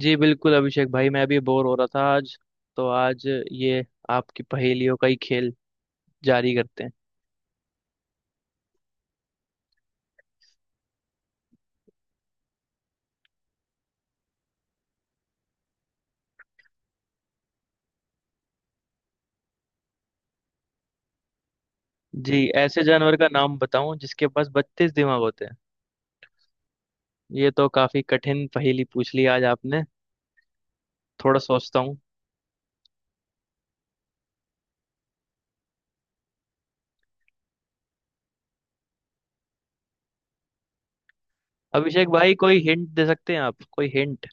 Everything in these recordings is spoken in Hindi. जी बिल्कुल अभिषेक भाई। मैं भी बोर हो रहा था आज। तो आज ये आपकी पहेलियों का ही खेल जारी करते हैं। जी, ऐसे जानवर का नाम बताऊं जिसके पास 32 दिमाग होते हैं? ये तो काफी कठिन पहेली पूछ ली आज आपने। थोड़ा सोचता हूँ। अभिषेक भाई, कोई हिंट दे सकते हैं आप? कोई हिंट?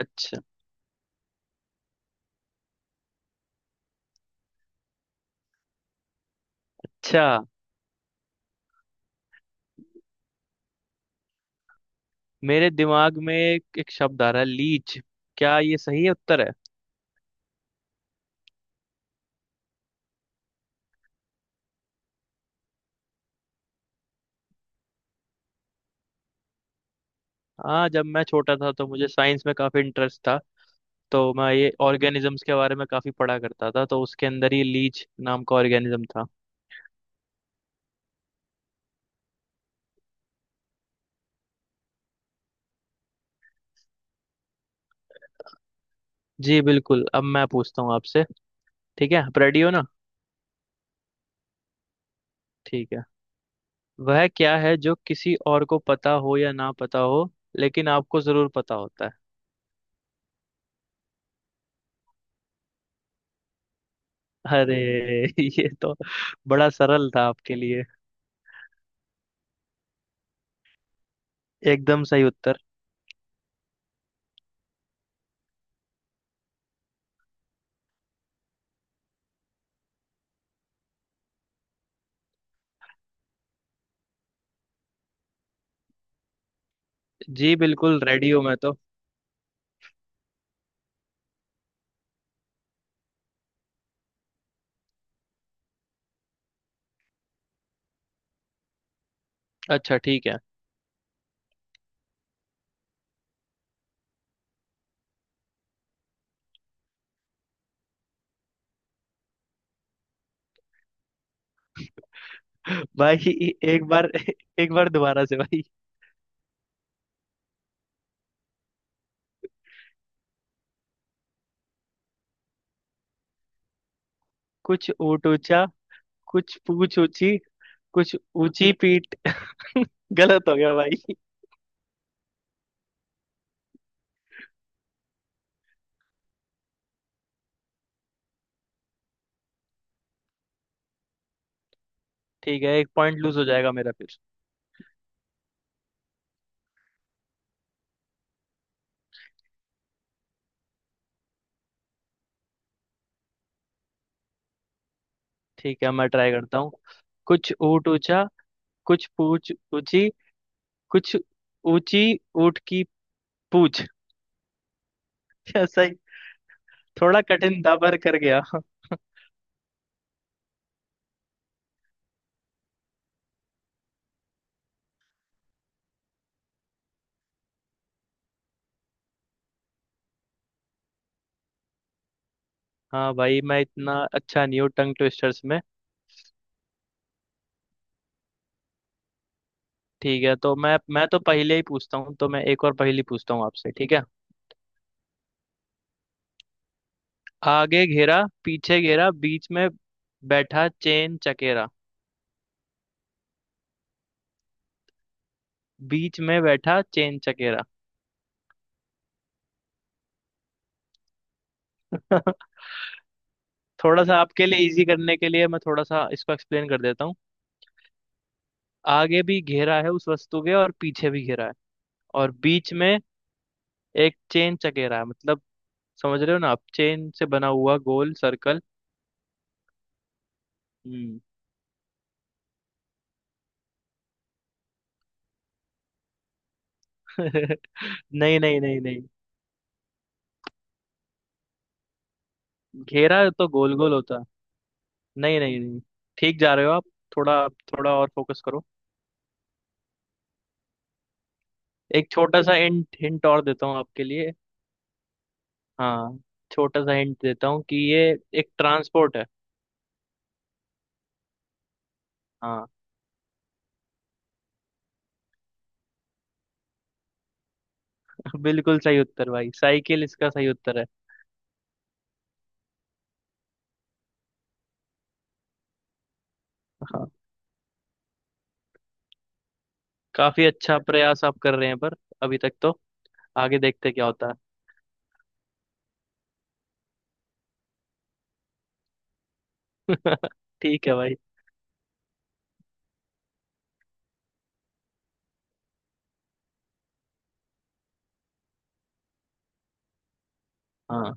अच्छा। अच्छा, मेरे दिमाग में एक शब्द आ रहा है, लीच। क्या ये सही उत्तर है? हाँ, जब मैं छोटा था तो मुझे साइंस में काफी इंटरेस्ट था। तो मैं ये ऑर्गेनिजम्स के बारे में काफी पढ़ा करता था, तो उसके अंदर ही लीच नाम का ऑर्गेनिज्म था। जी बिल्कुल, अब मैं पूछता हूँ आपसे। ठीक है, आप रेडी हो ना? ठीक है। वह क्या है जो किसी और को पता हो या ना पता हो, लेकिन आपको जरूर पता होता है? अरे ये तो बड़ा सरल था आपके लिए। एकदम सही उत्तर। जी बिल्कुल, रेडी हूँ मैं तो। अच्छा ठीक है भाई। एक बार, एक बार दोबारा से भाई। कुछ ऊंट ऊंचा, कुछ पूंछ ऊंची, कुछ ऊंची पीठ। गलत हो गया भाई। ठीक है, एक पॉइंट लूज हो जाएगा मेरा फिर। ठीक है, मैं ट्राई करता हूँ। कुछ ऊँट ऊंचा, कुछ पूछ ऊंची, कुछ ऊंची ऊँट की पूछ। क्या सही? थोड़ा कठिन था पर कर गया। हाँ भाई, मैं इतना अच्छा नहीं हूँ टंग ट्विस्टर्स में। ठीक है, तो मैं तो पहले ही पूछता हूँ, तो मैं एक और पहेली पूछता हूँ आपसे, ठीक है। आगे घेरा पीछे घेरा बीच में बैठा चेन चकेरा। बीच में बैठा चेन चकेरा। थोड़ा सा आपके लिए इजी करने के लिए मैं थोड़ा सा इसको एक्सप्लेन कर देता हूँ। आगे भी घेरा है उस वस्तु के, और पीछे भी घेरा है, और बीच में एक चेन चकेरा है। मतलब, समझ रहे हो ना आप, चेन से बना हुआ गोल सर्कल। हम्म। नहीं नहीं नहीं नहीं, घेरा तो गोल गोल होता। नहीं नहीं नहीं, ठीक जा रहे हो आप। थोड़ा थोड़ा और फोकस करो। एक छोटा सा हिंट हिंट और देता हूँ आपके लिए। हाँ, छोटा सा हिंट देता हूँ कि ये एक ट्रांसपोर्ट है। हाँ। बिल्कुल सही उत्तर भाई, साइकिल इसका सही उत्तर है। हाँ, काफी अच्छा प्रयास आप कर रहे हैं, पर अभी तक तो आगे देखते क्या होता है। ठीक है भाई। हाँ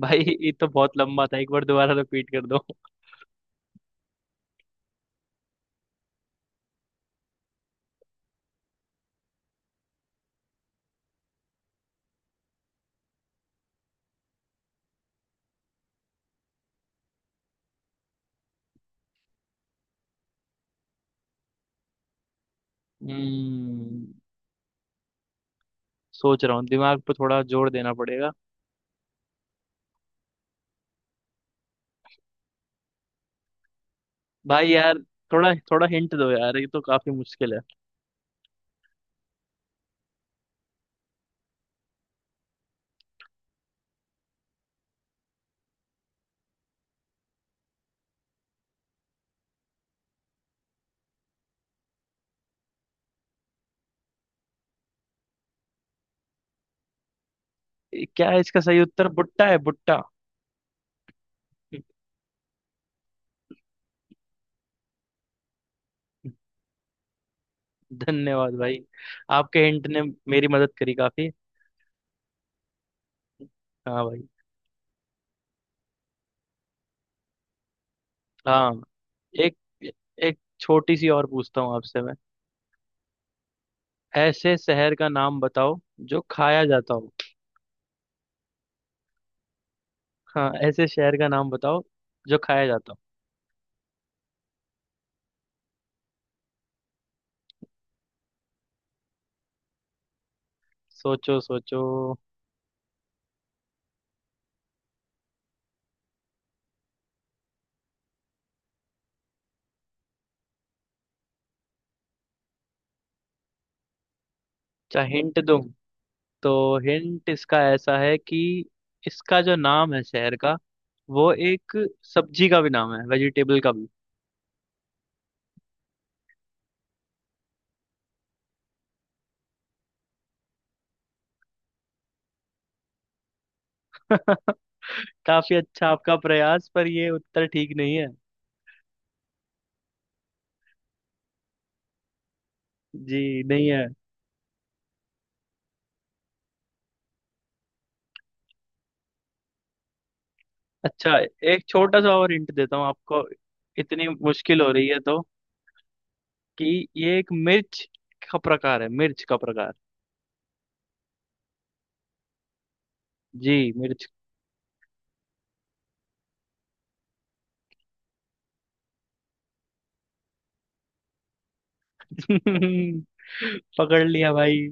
भाई, ये तो बहुत लंबा था, एक बार दोबारा रिपीट कर दो। हम्म, सोच रहा हूँ, दिमाग पे थोड़ा जोर देना पड़ेगा। भाई यार, थोड़ा थोड़ा हिंट दो यार, ये तो काफी मुश्किल है। ये क्या है, इसका सही उत्तर भुट्टा है, भुट्टा। धन्यवाद भाई, आपके हिंट ने मेरी मदद करी काफी। हाँ भाई। हाँ, एक एक छोटी सी और पूछता हूँ आपसे मैं। ऐसे शहर का नाम बताओ जो खाया जाता हो। हाँ, ऐसे शहर का नाम बताओ जो खाया जाता हो। सोचो सोचो। अच्छा, हिंट दूँ? तो हिंट इसका ऐसा है कि इसका जो नाम है शहर का, वो एक सब्जी का भी नाम है, वेजिटेबल का भी। काफी अच्छा आपका प्रयास, पर ये उत्तर ठीक नहीं है। जी नहीं है। अच्छा, एक छोटा सा और हिंट देता हूँ आपको, इतनी मुश्किल हो रही है तो। कि ये एक मिर्च का प्रकार है, मिर्च का प्रकार। जी, मिर्च। पकड़ लिया भाई,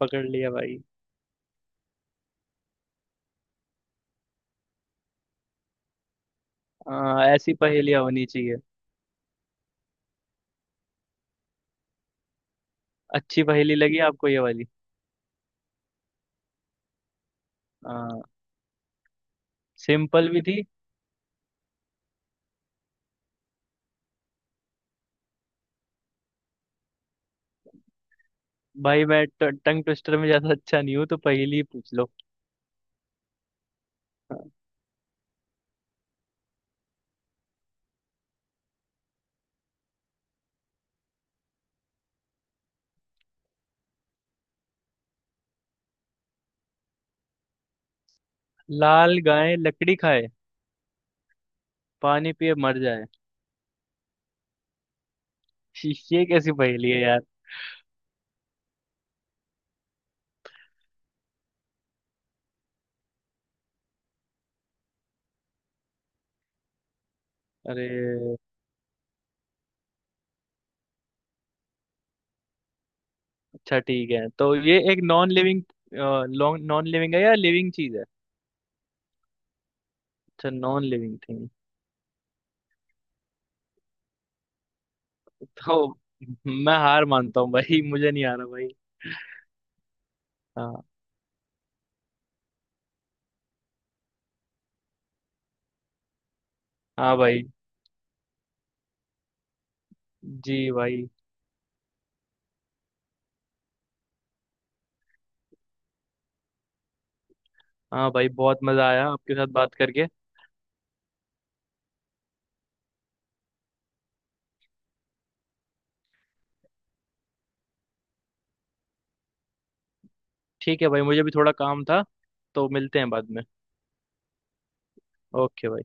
पकड़ लिया भाई। आ, ऐसी पहेलियां होनी चाहिए। अच्छी पहेली लगी आपको ये वाली? आ, सिंपल भी थी। भाई, मैं टंग ट्विस्टर में ज्यादा अच्छा नहीं हूँ, तो पहेली ही पूछ लो। लाल गाय लकड़ी खाए, पानी पिए मर जाए। ये कैसी पहेली है यार। अरे, अच्छा ठीक है, तो ये एक नॉन लिविंग। नॉन लिविंग है या लिविंग चीज है? अच्छा, नॉन लिविंग थिंग। तो मैं हार मानता हूँ भाई, मुझे नहीं आ रहा भाई। हाँ। हाँ भाई। जी भाई। हाँ भाई, बहुत मजा आया आपके साथ बात करके। ठीक है भाई, मुझे भी थोड़ा काम था। तो मिलते हैं बाद में। ओके भाई।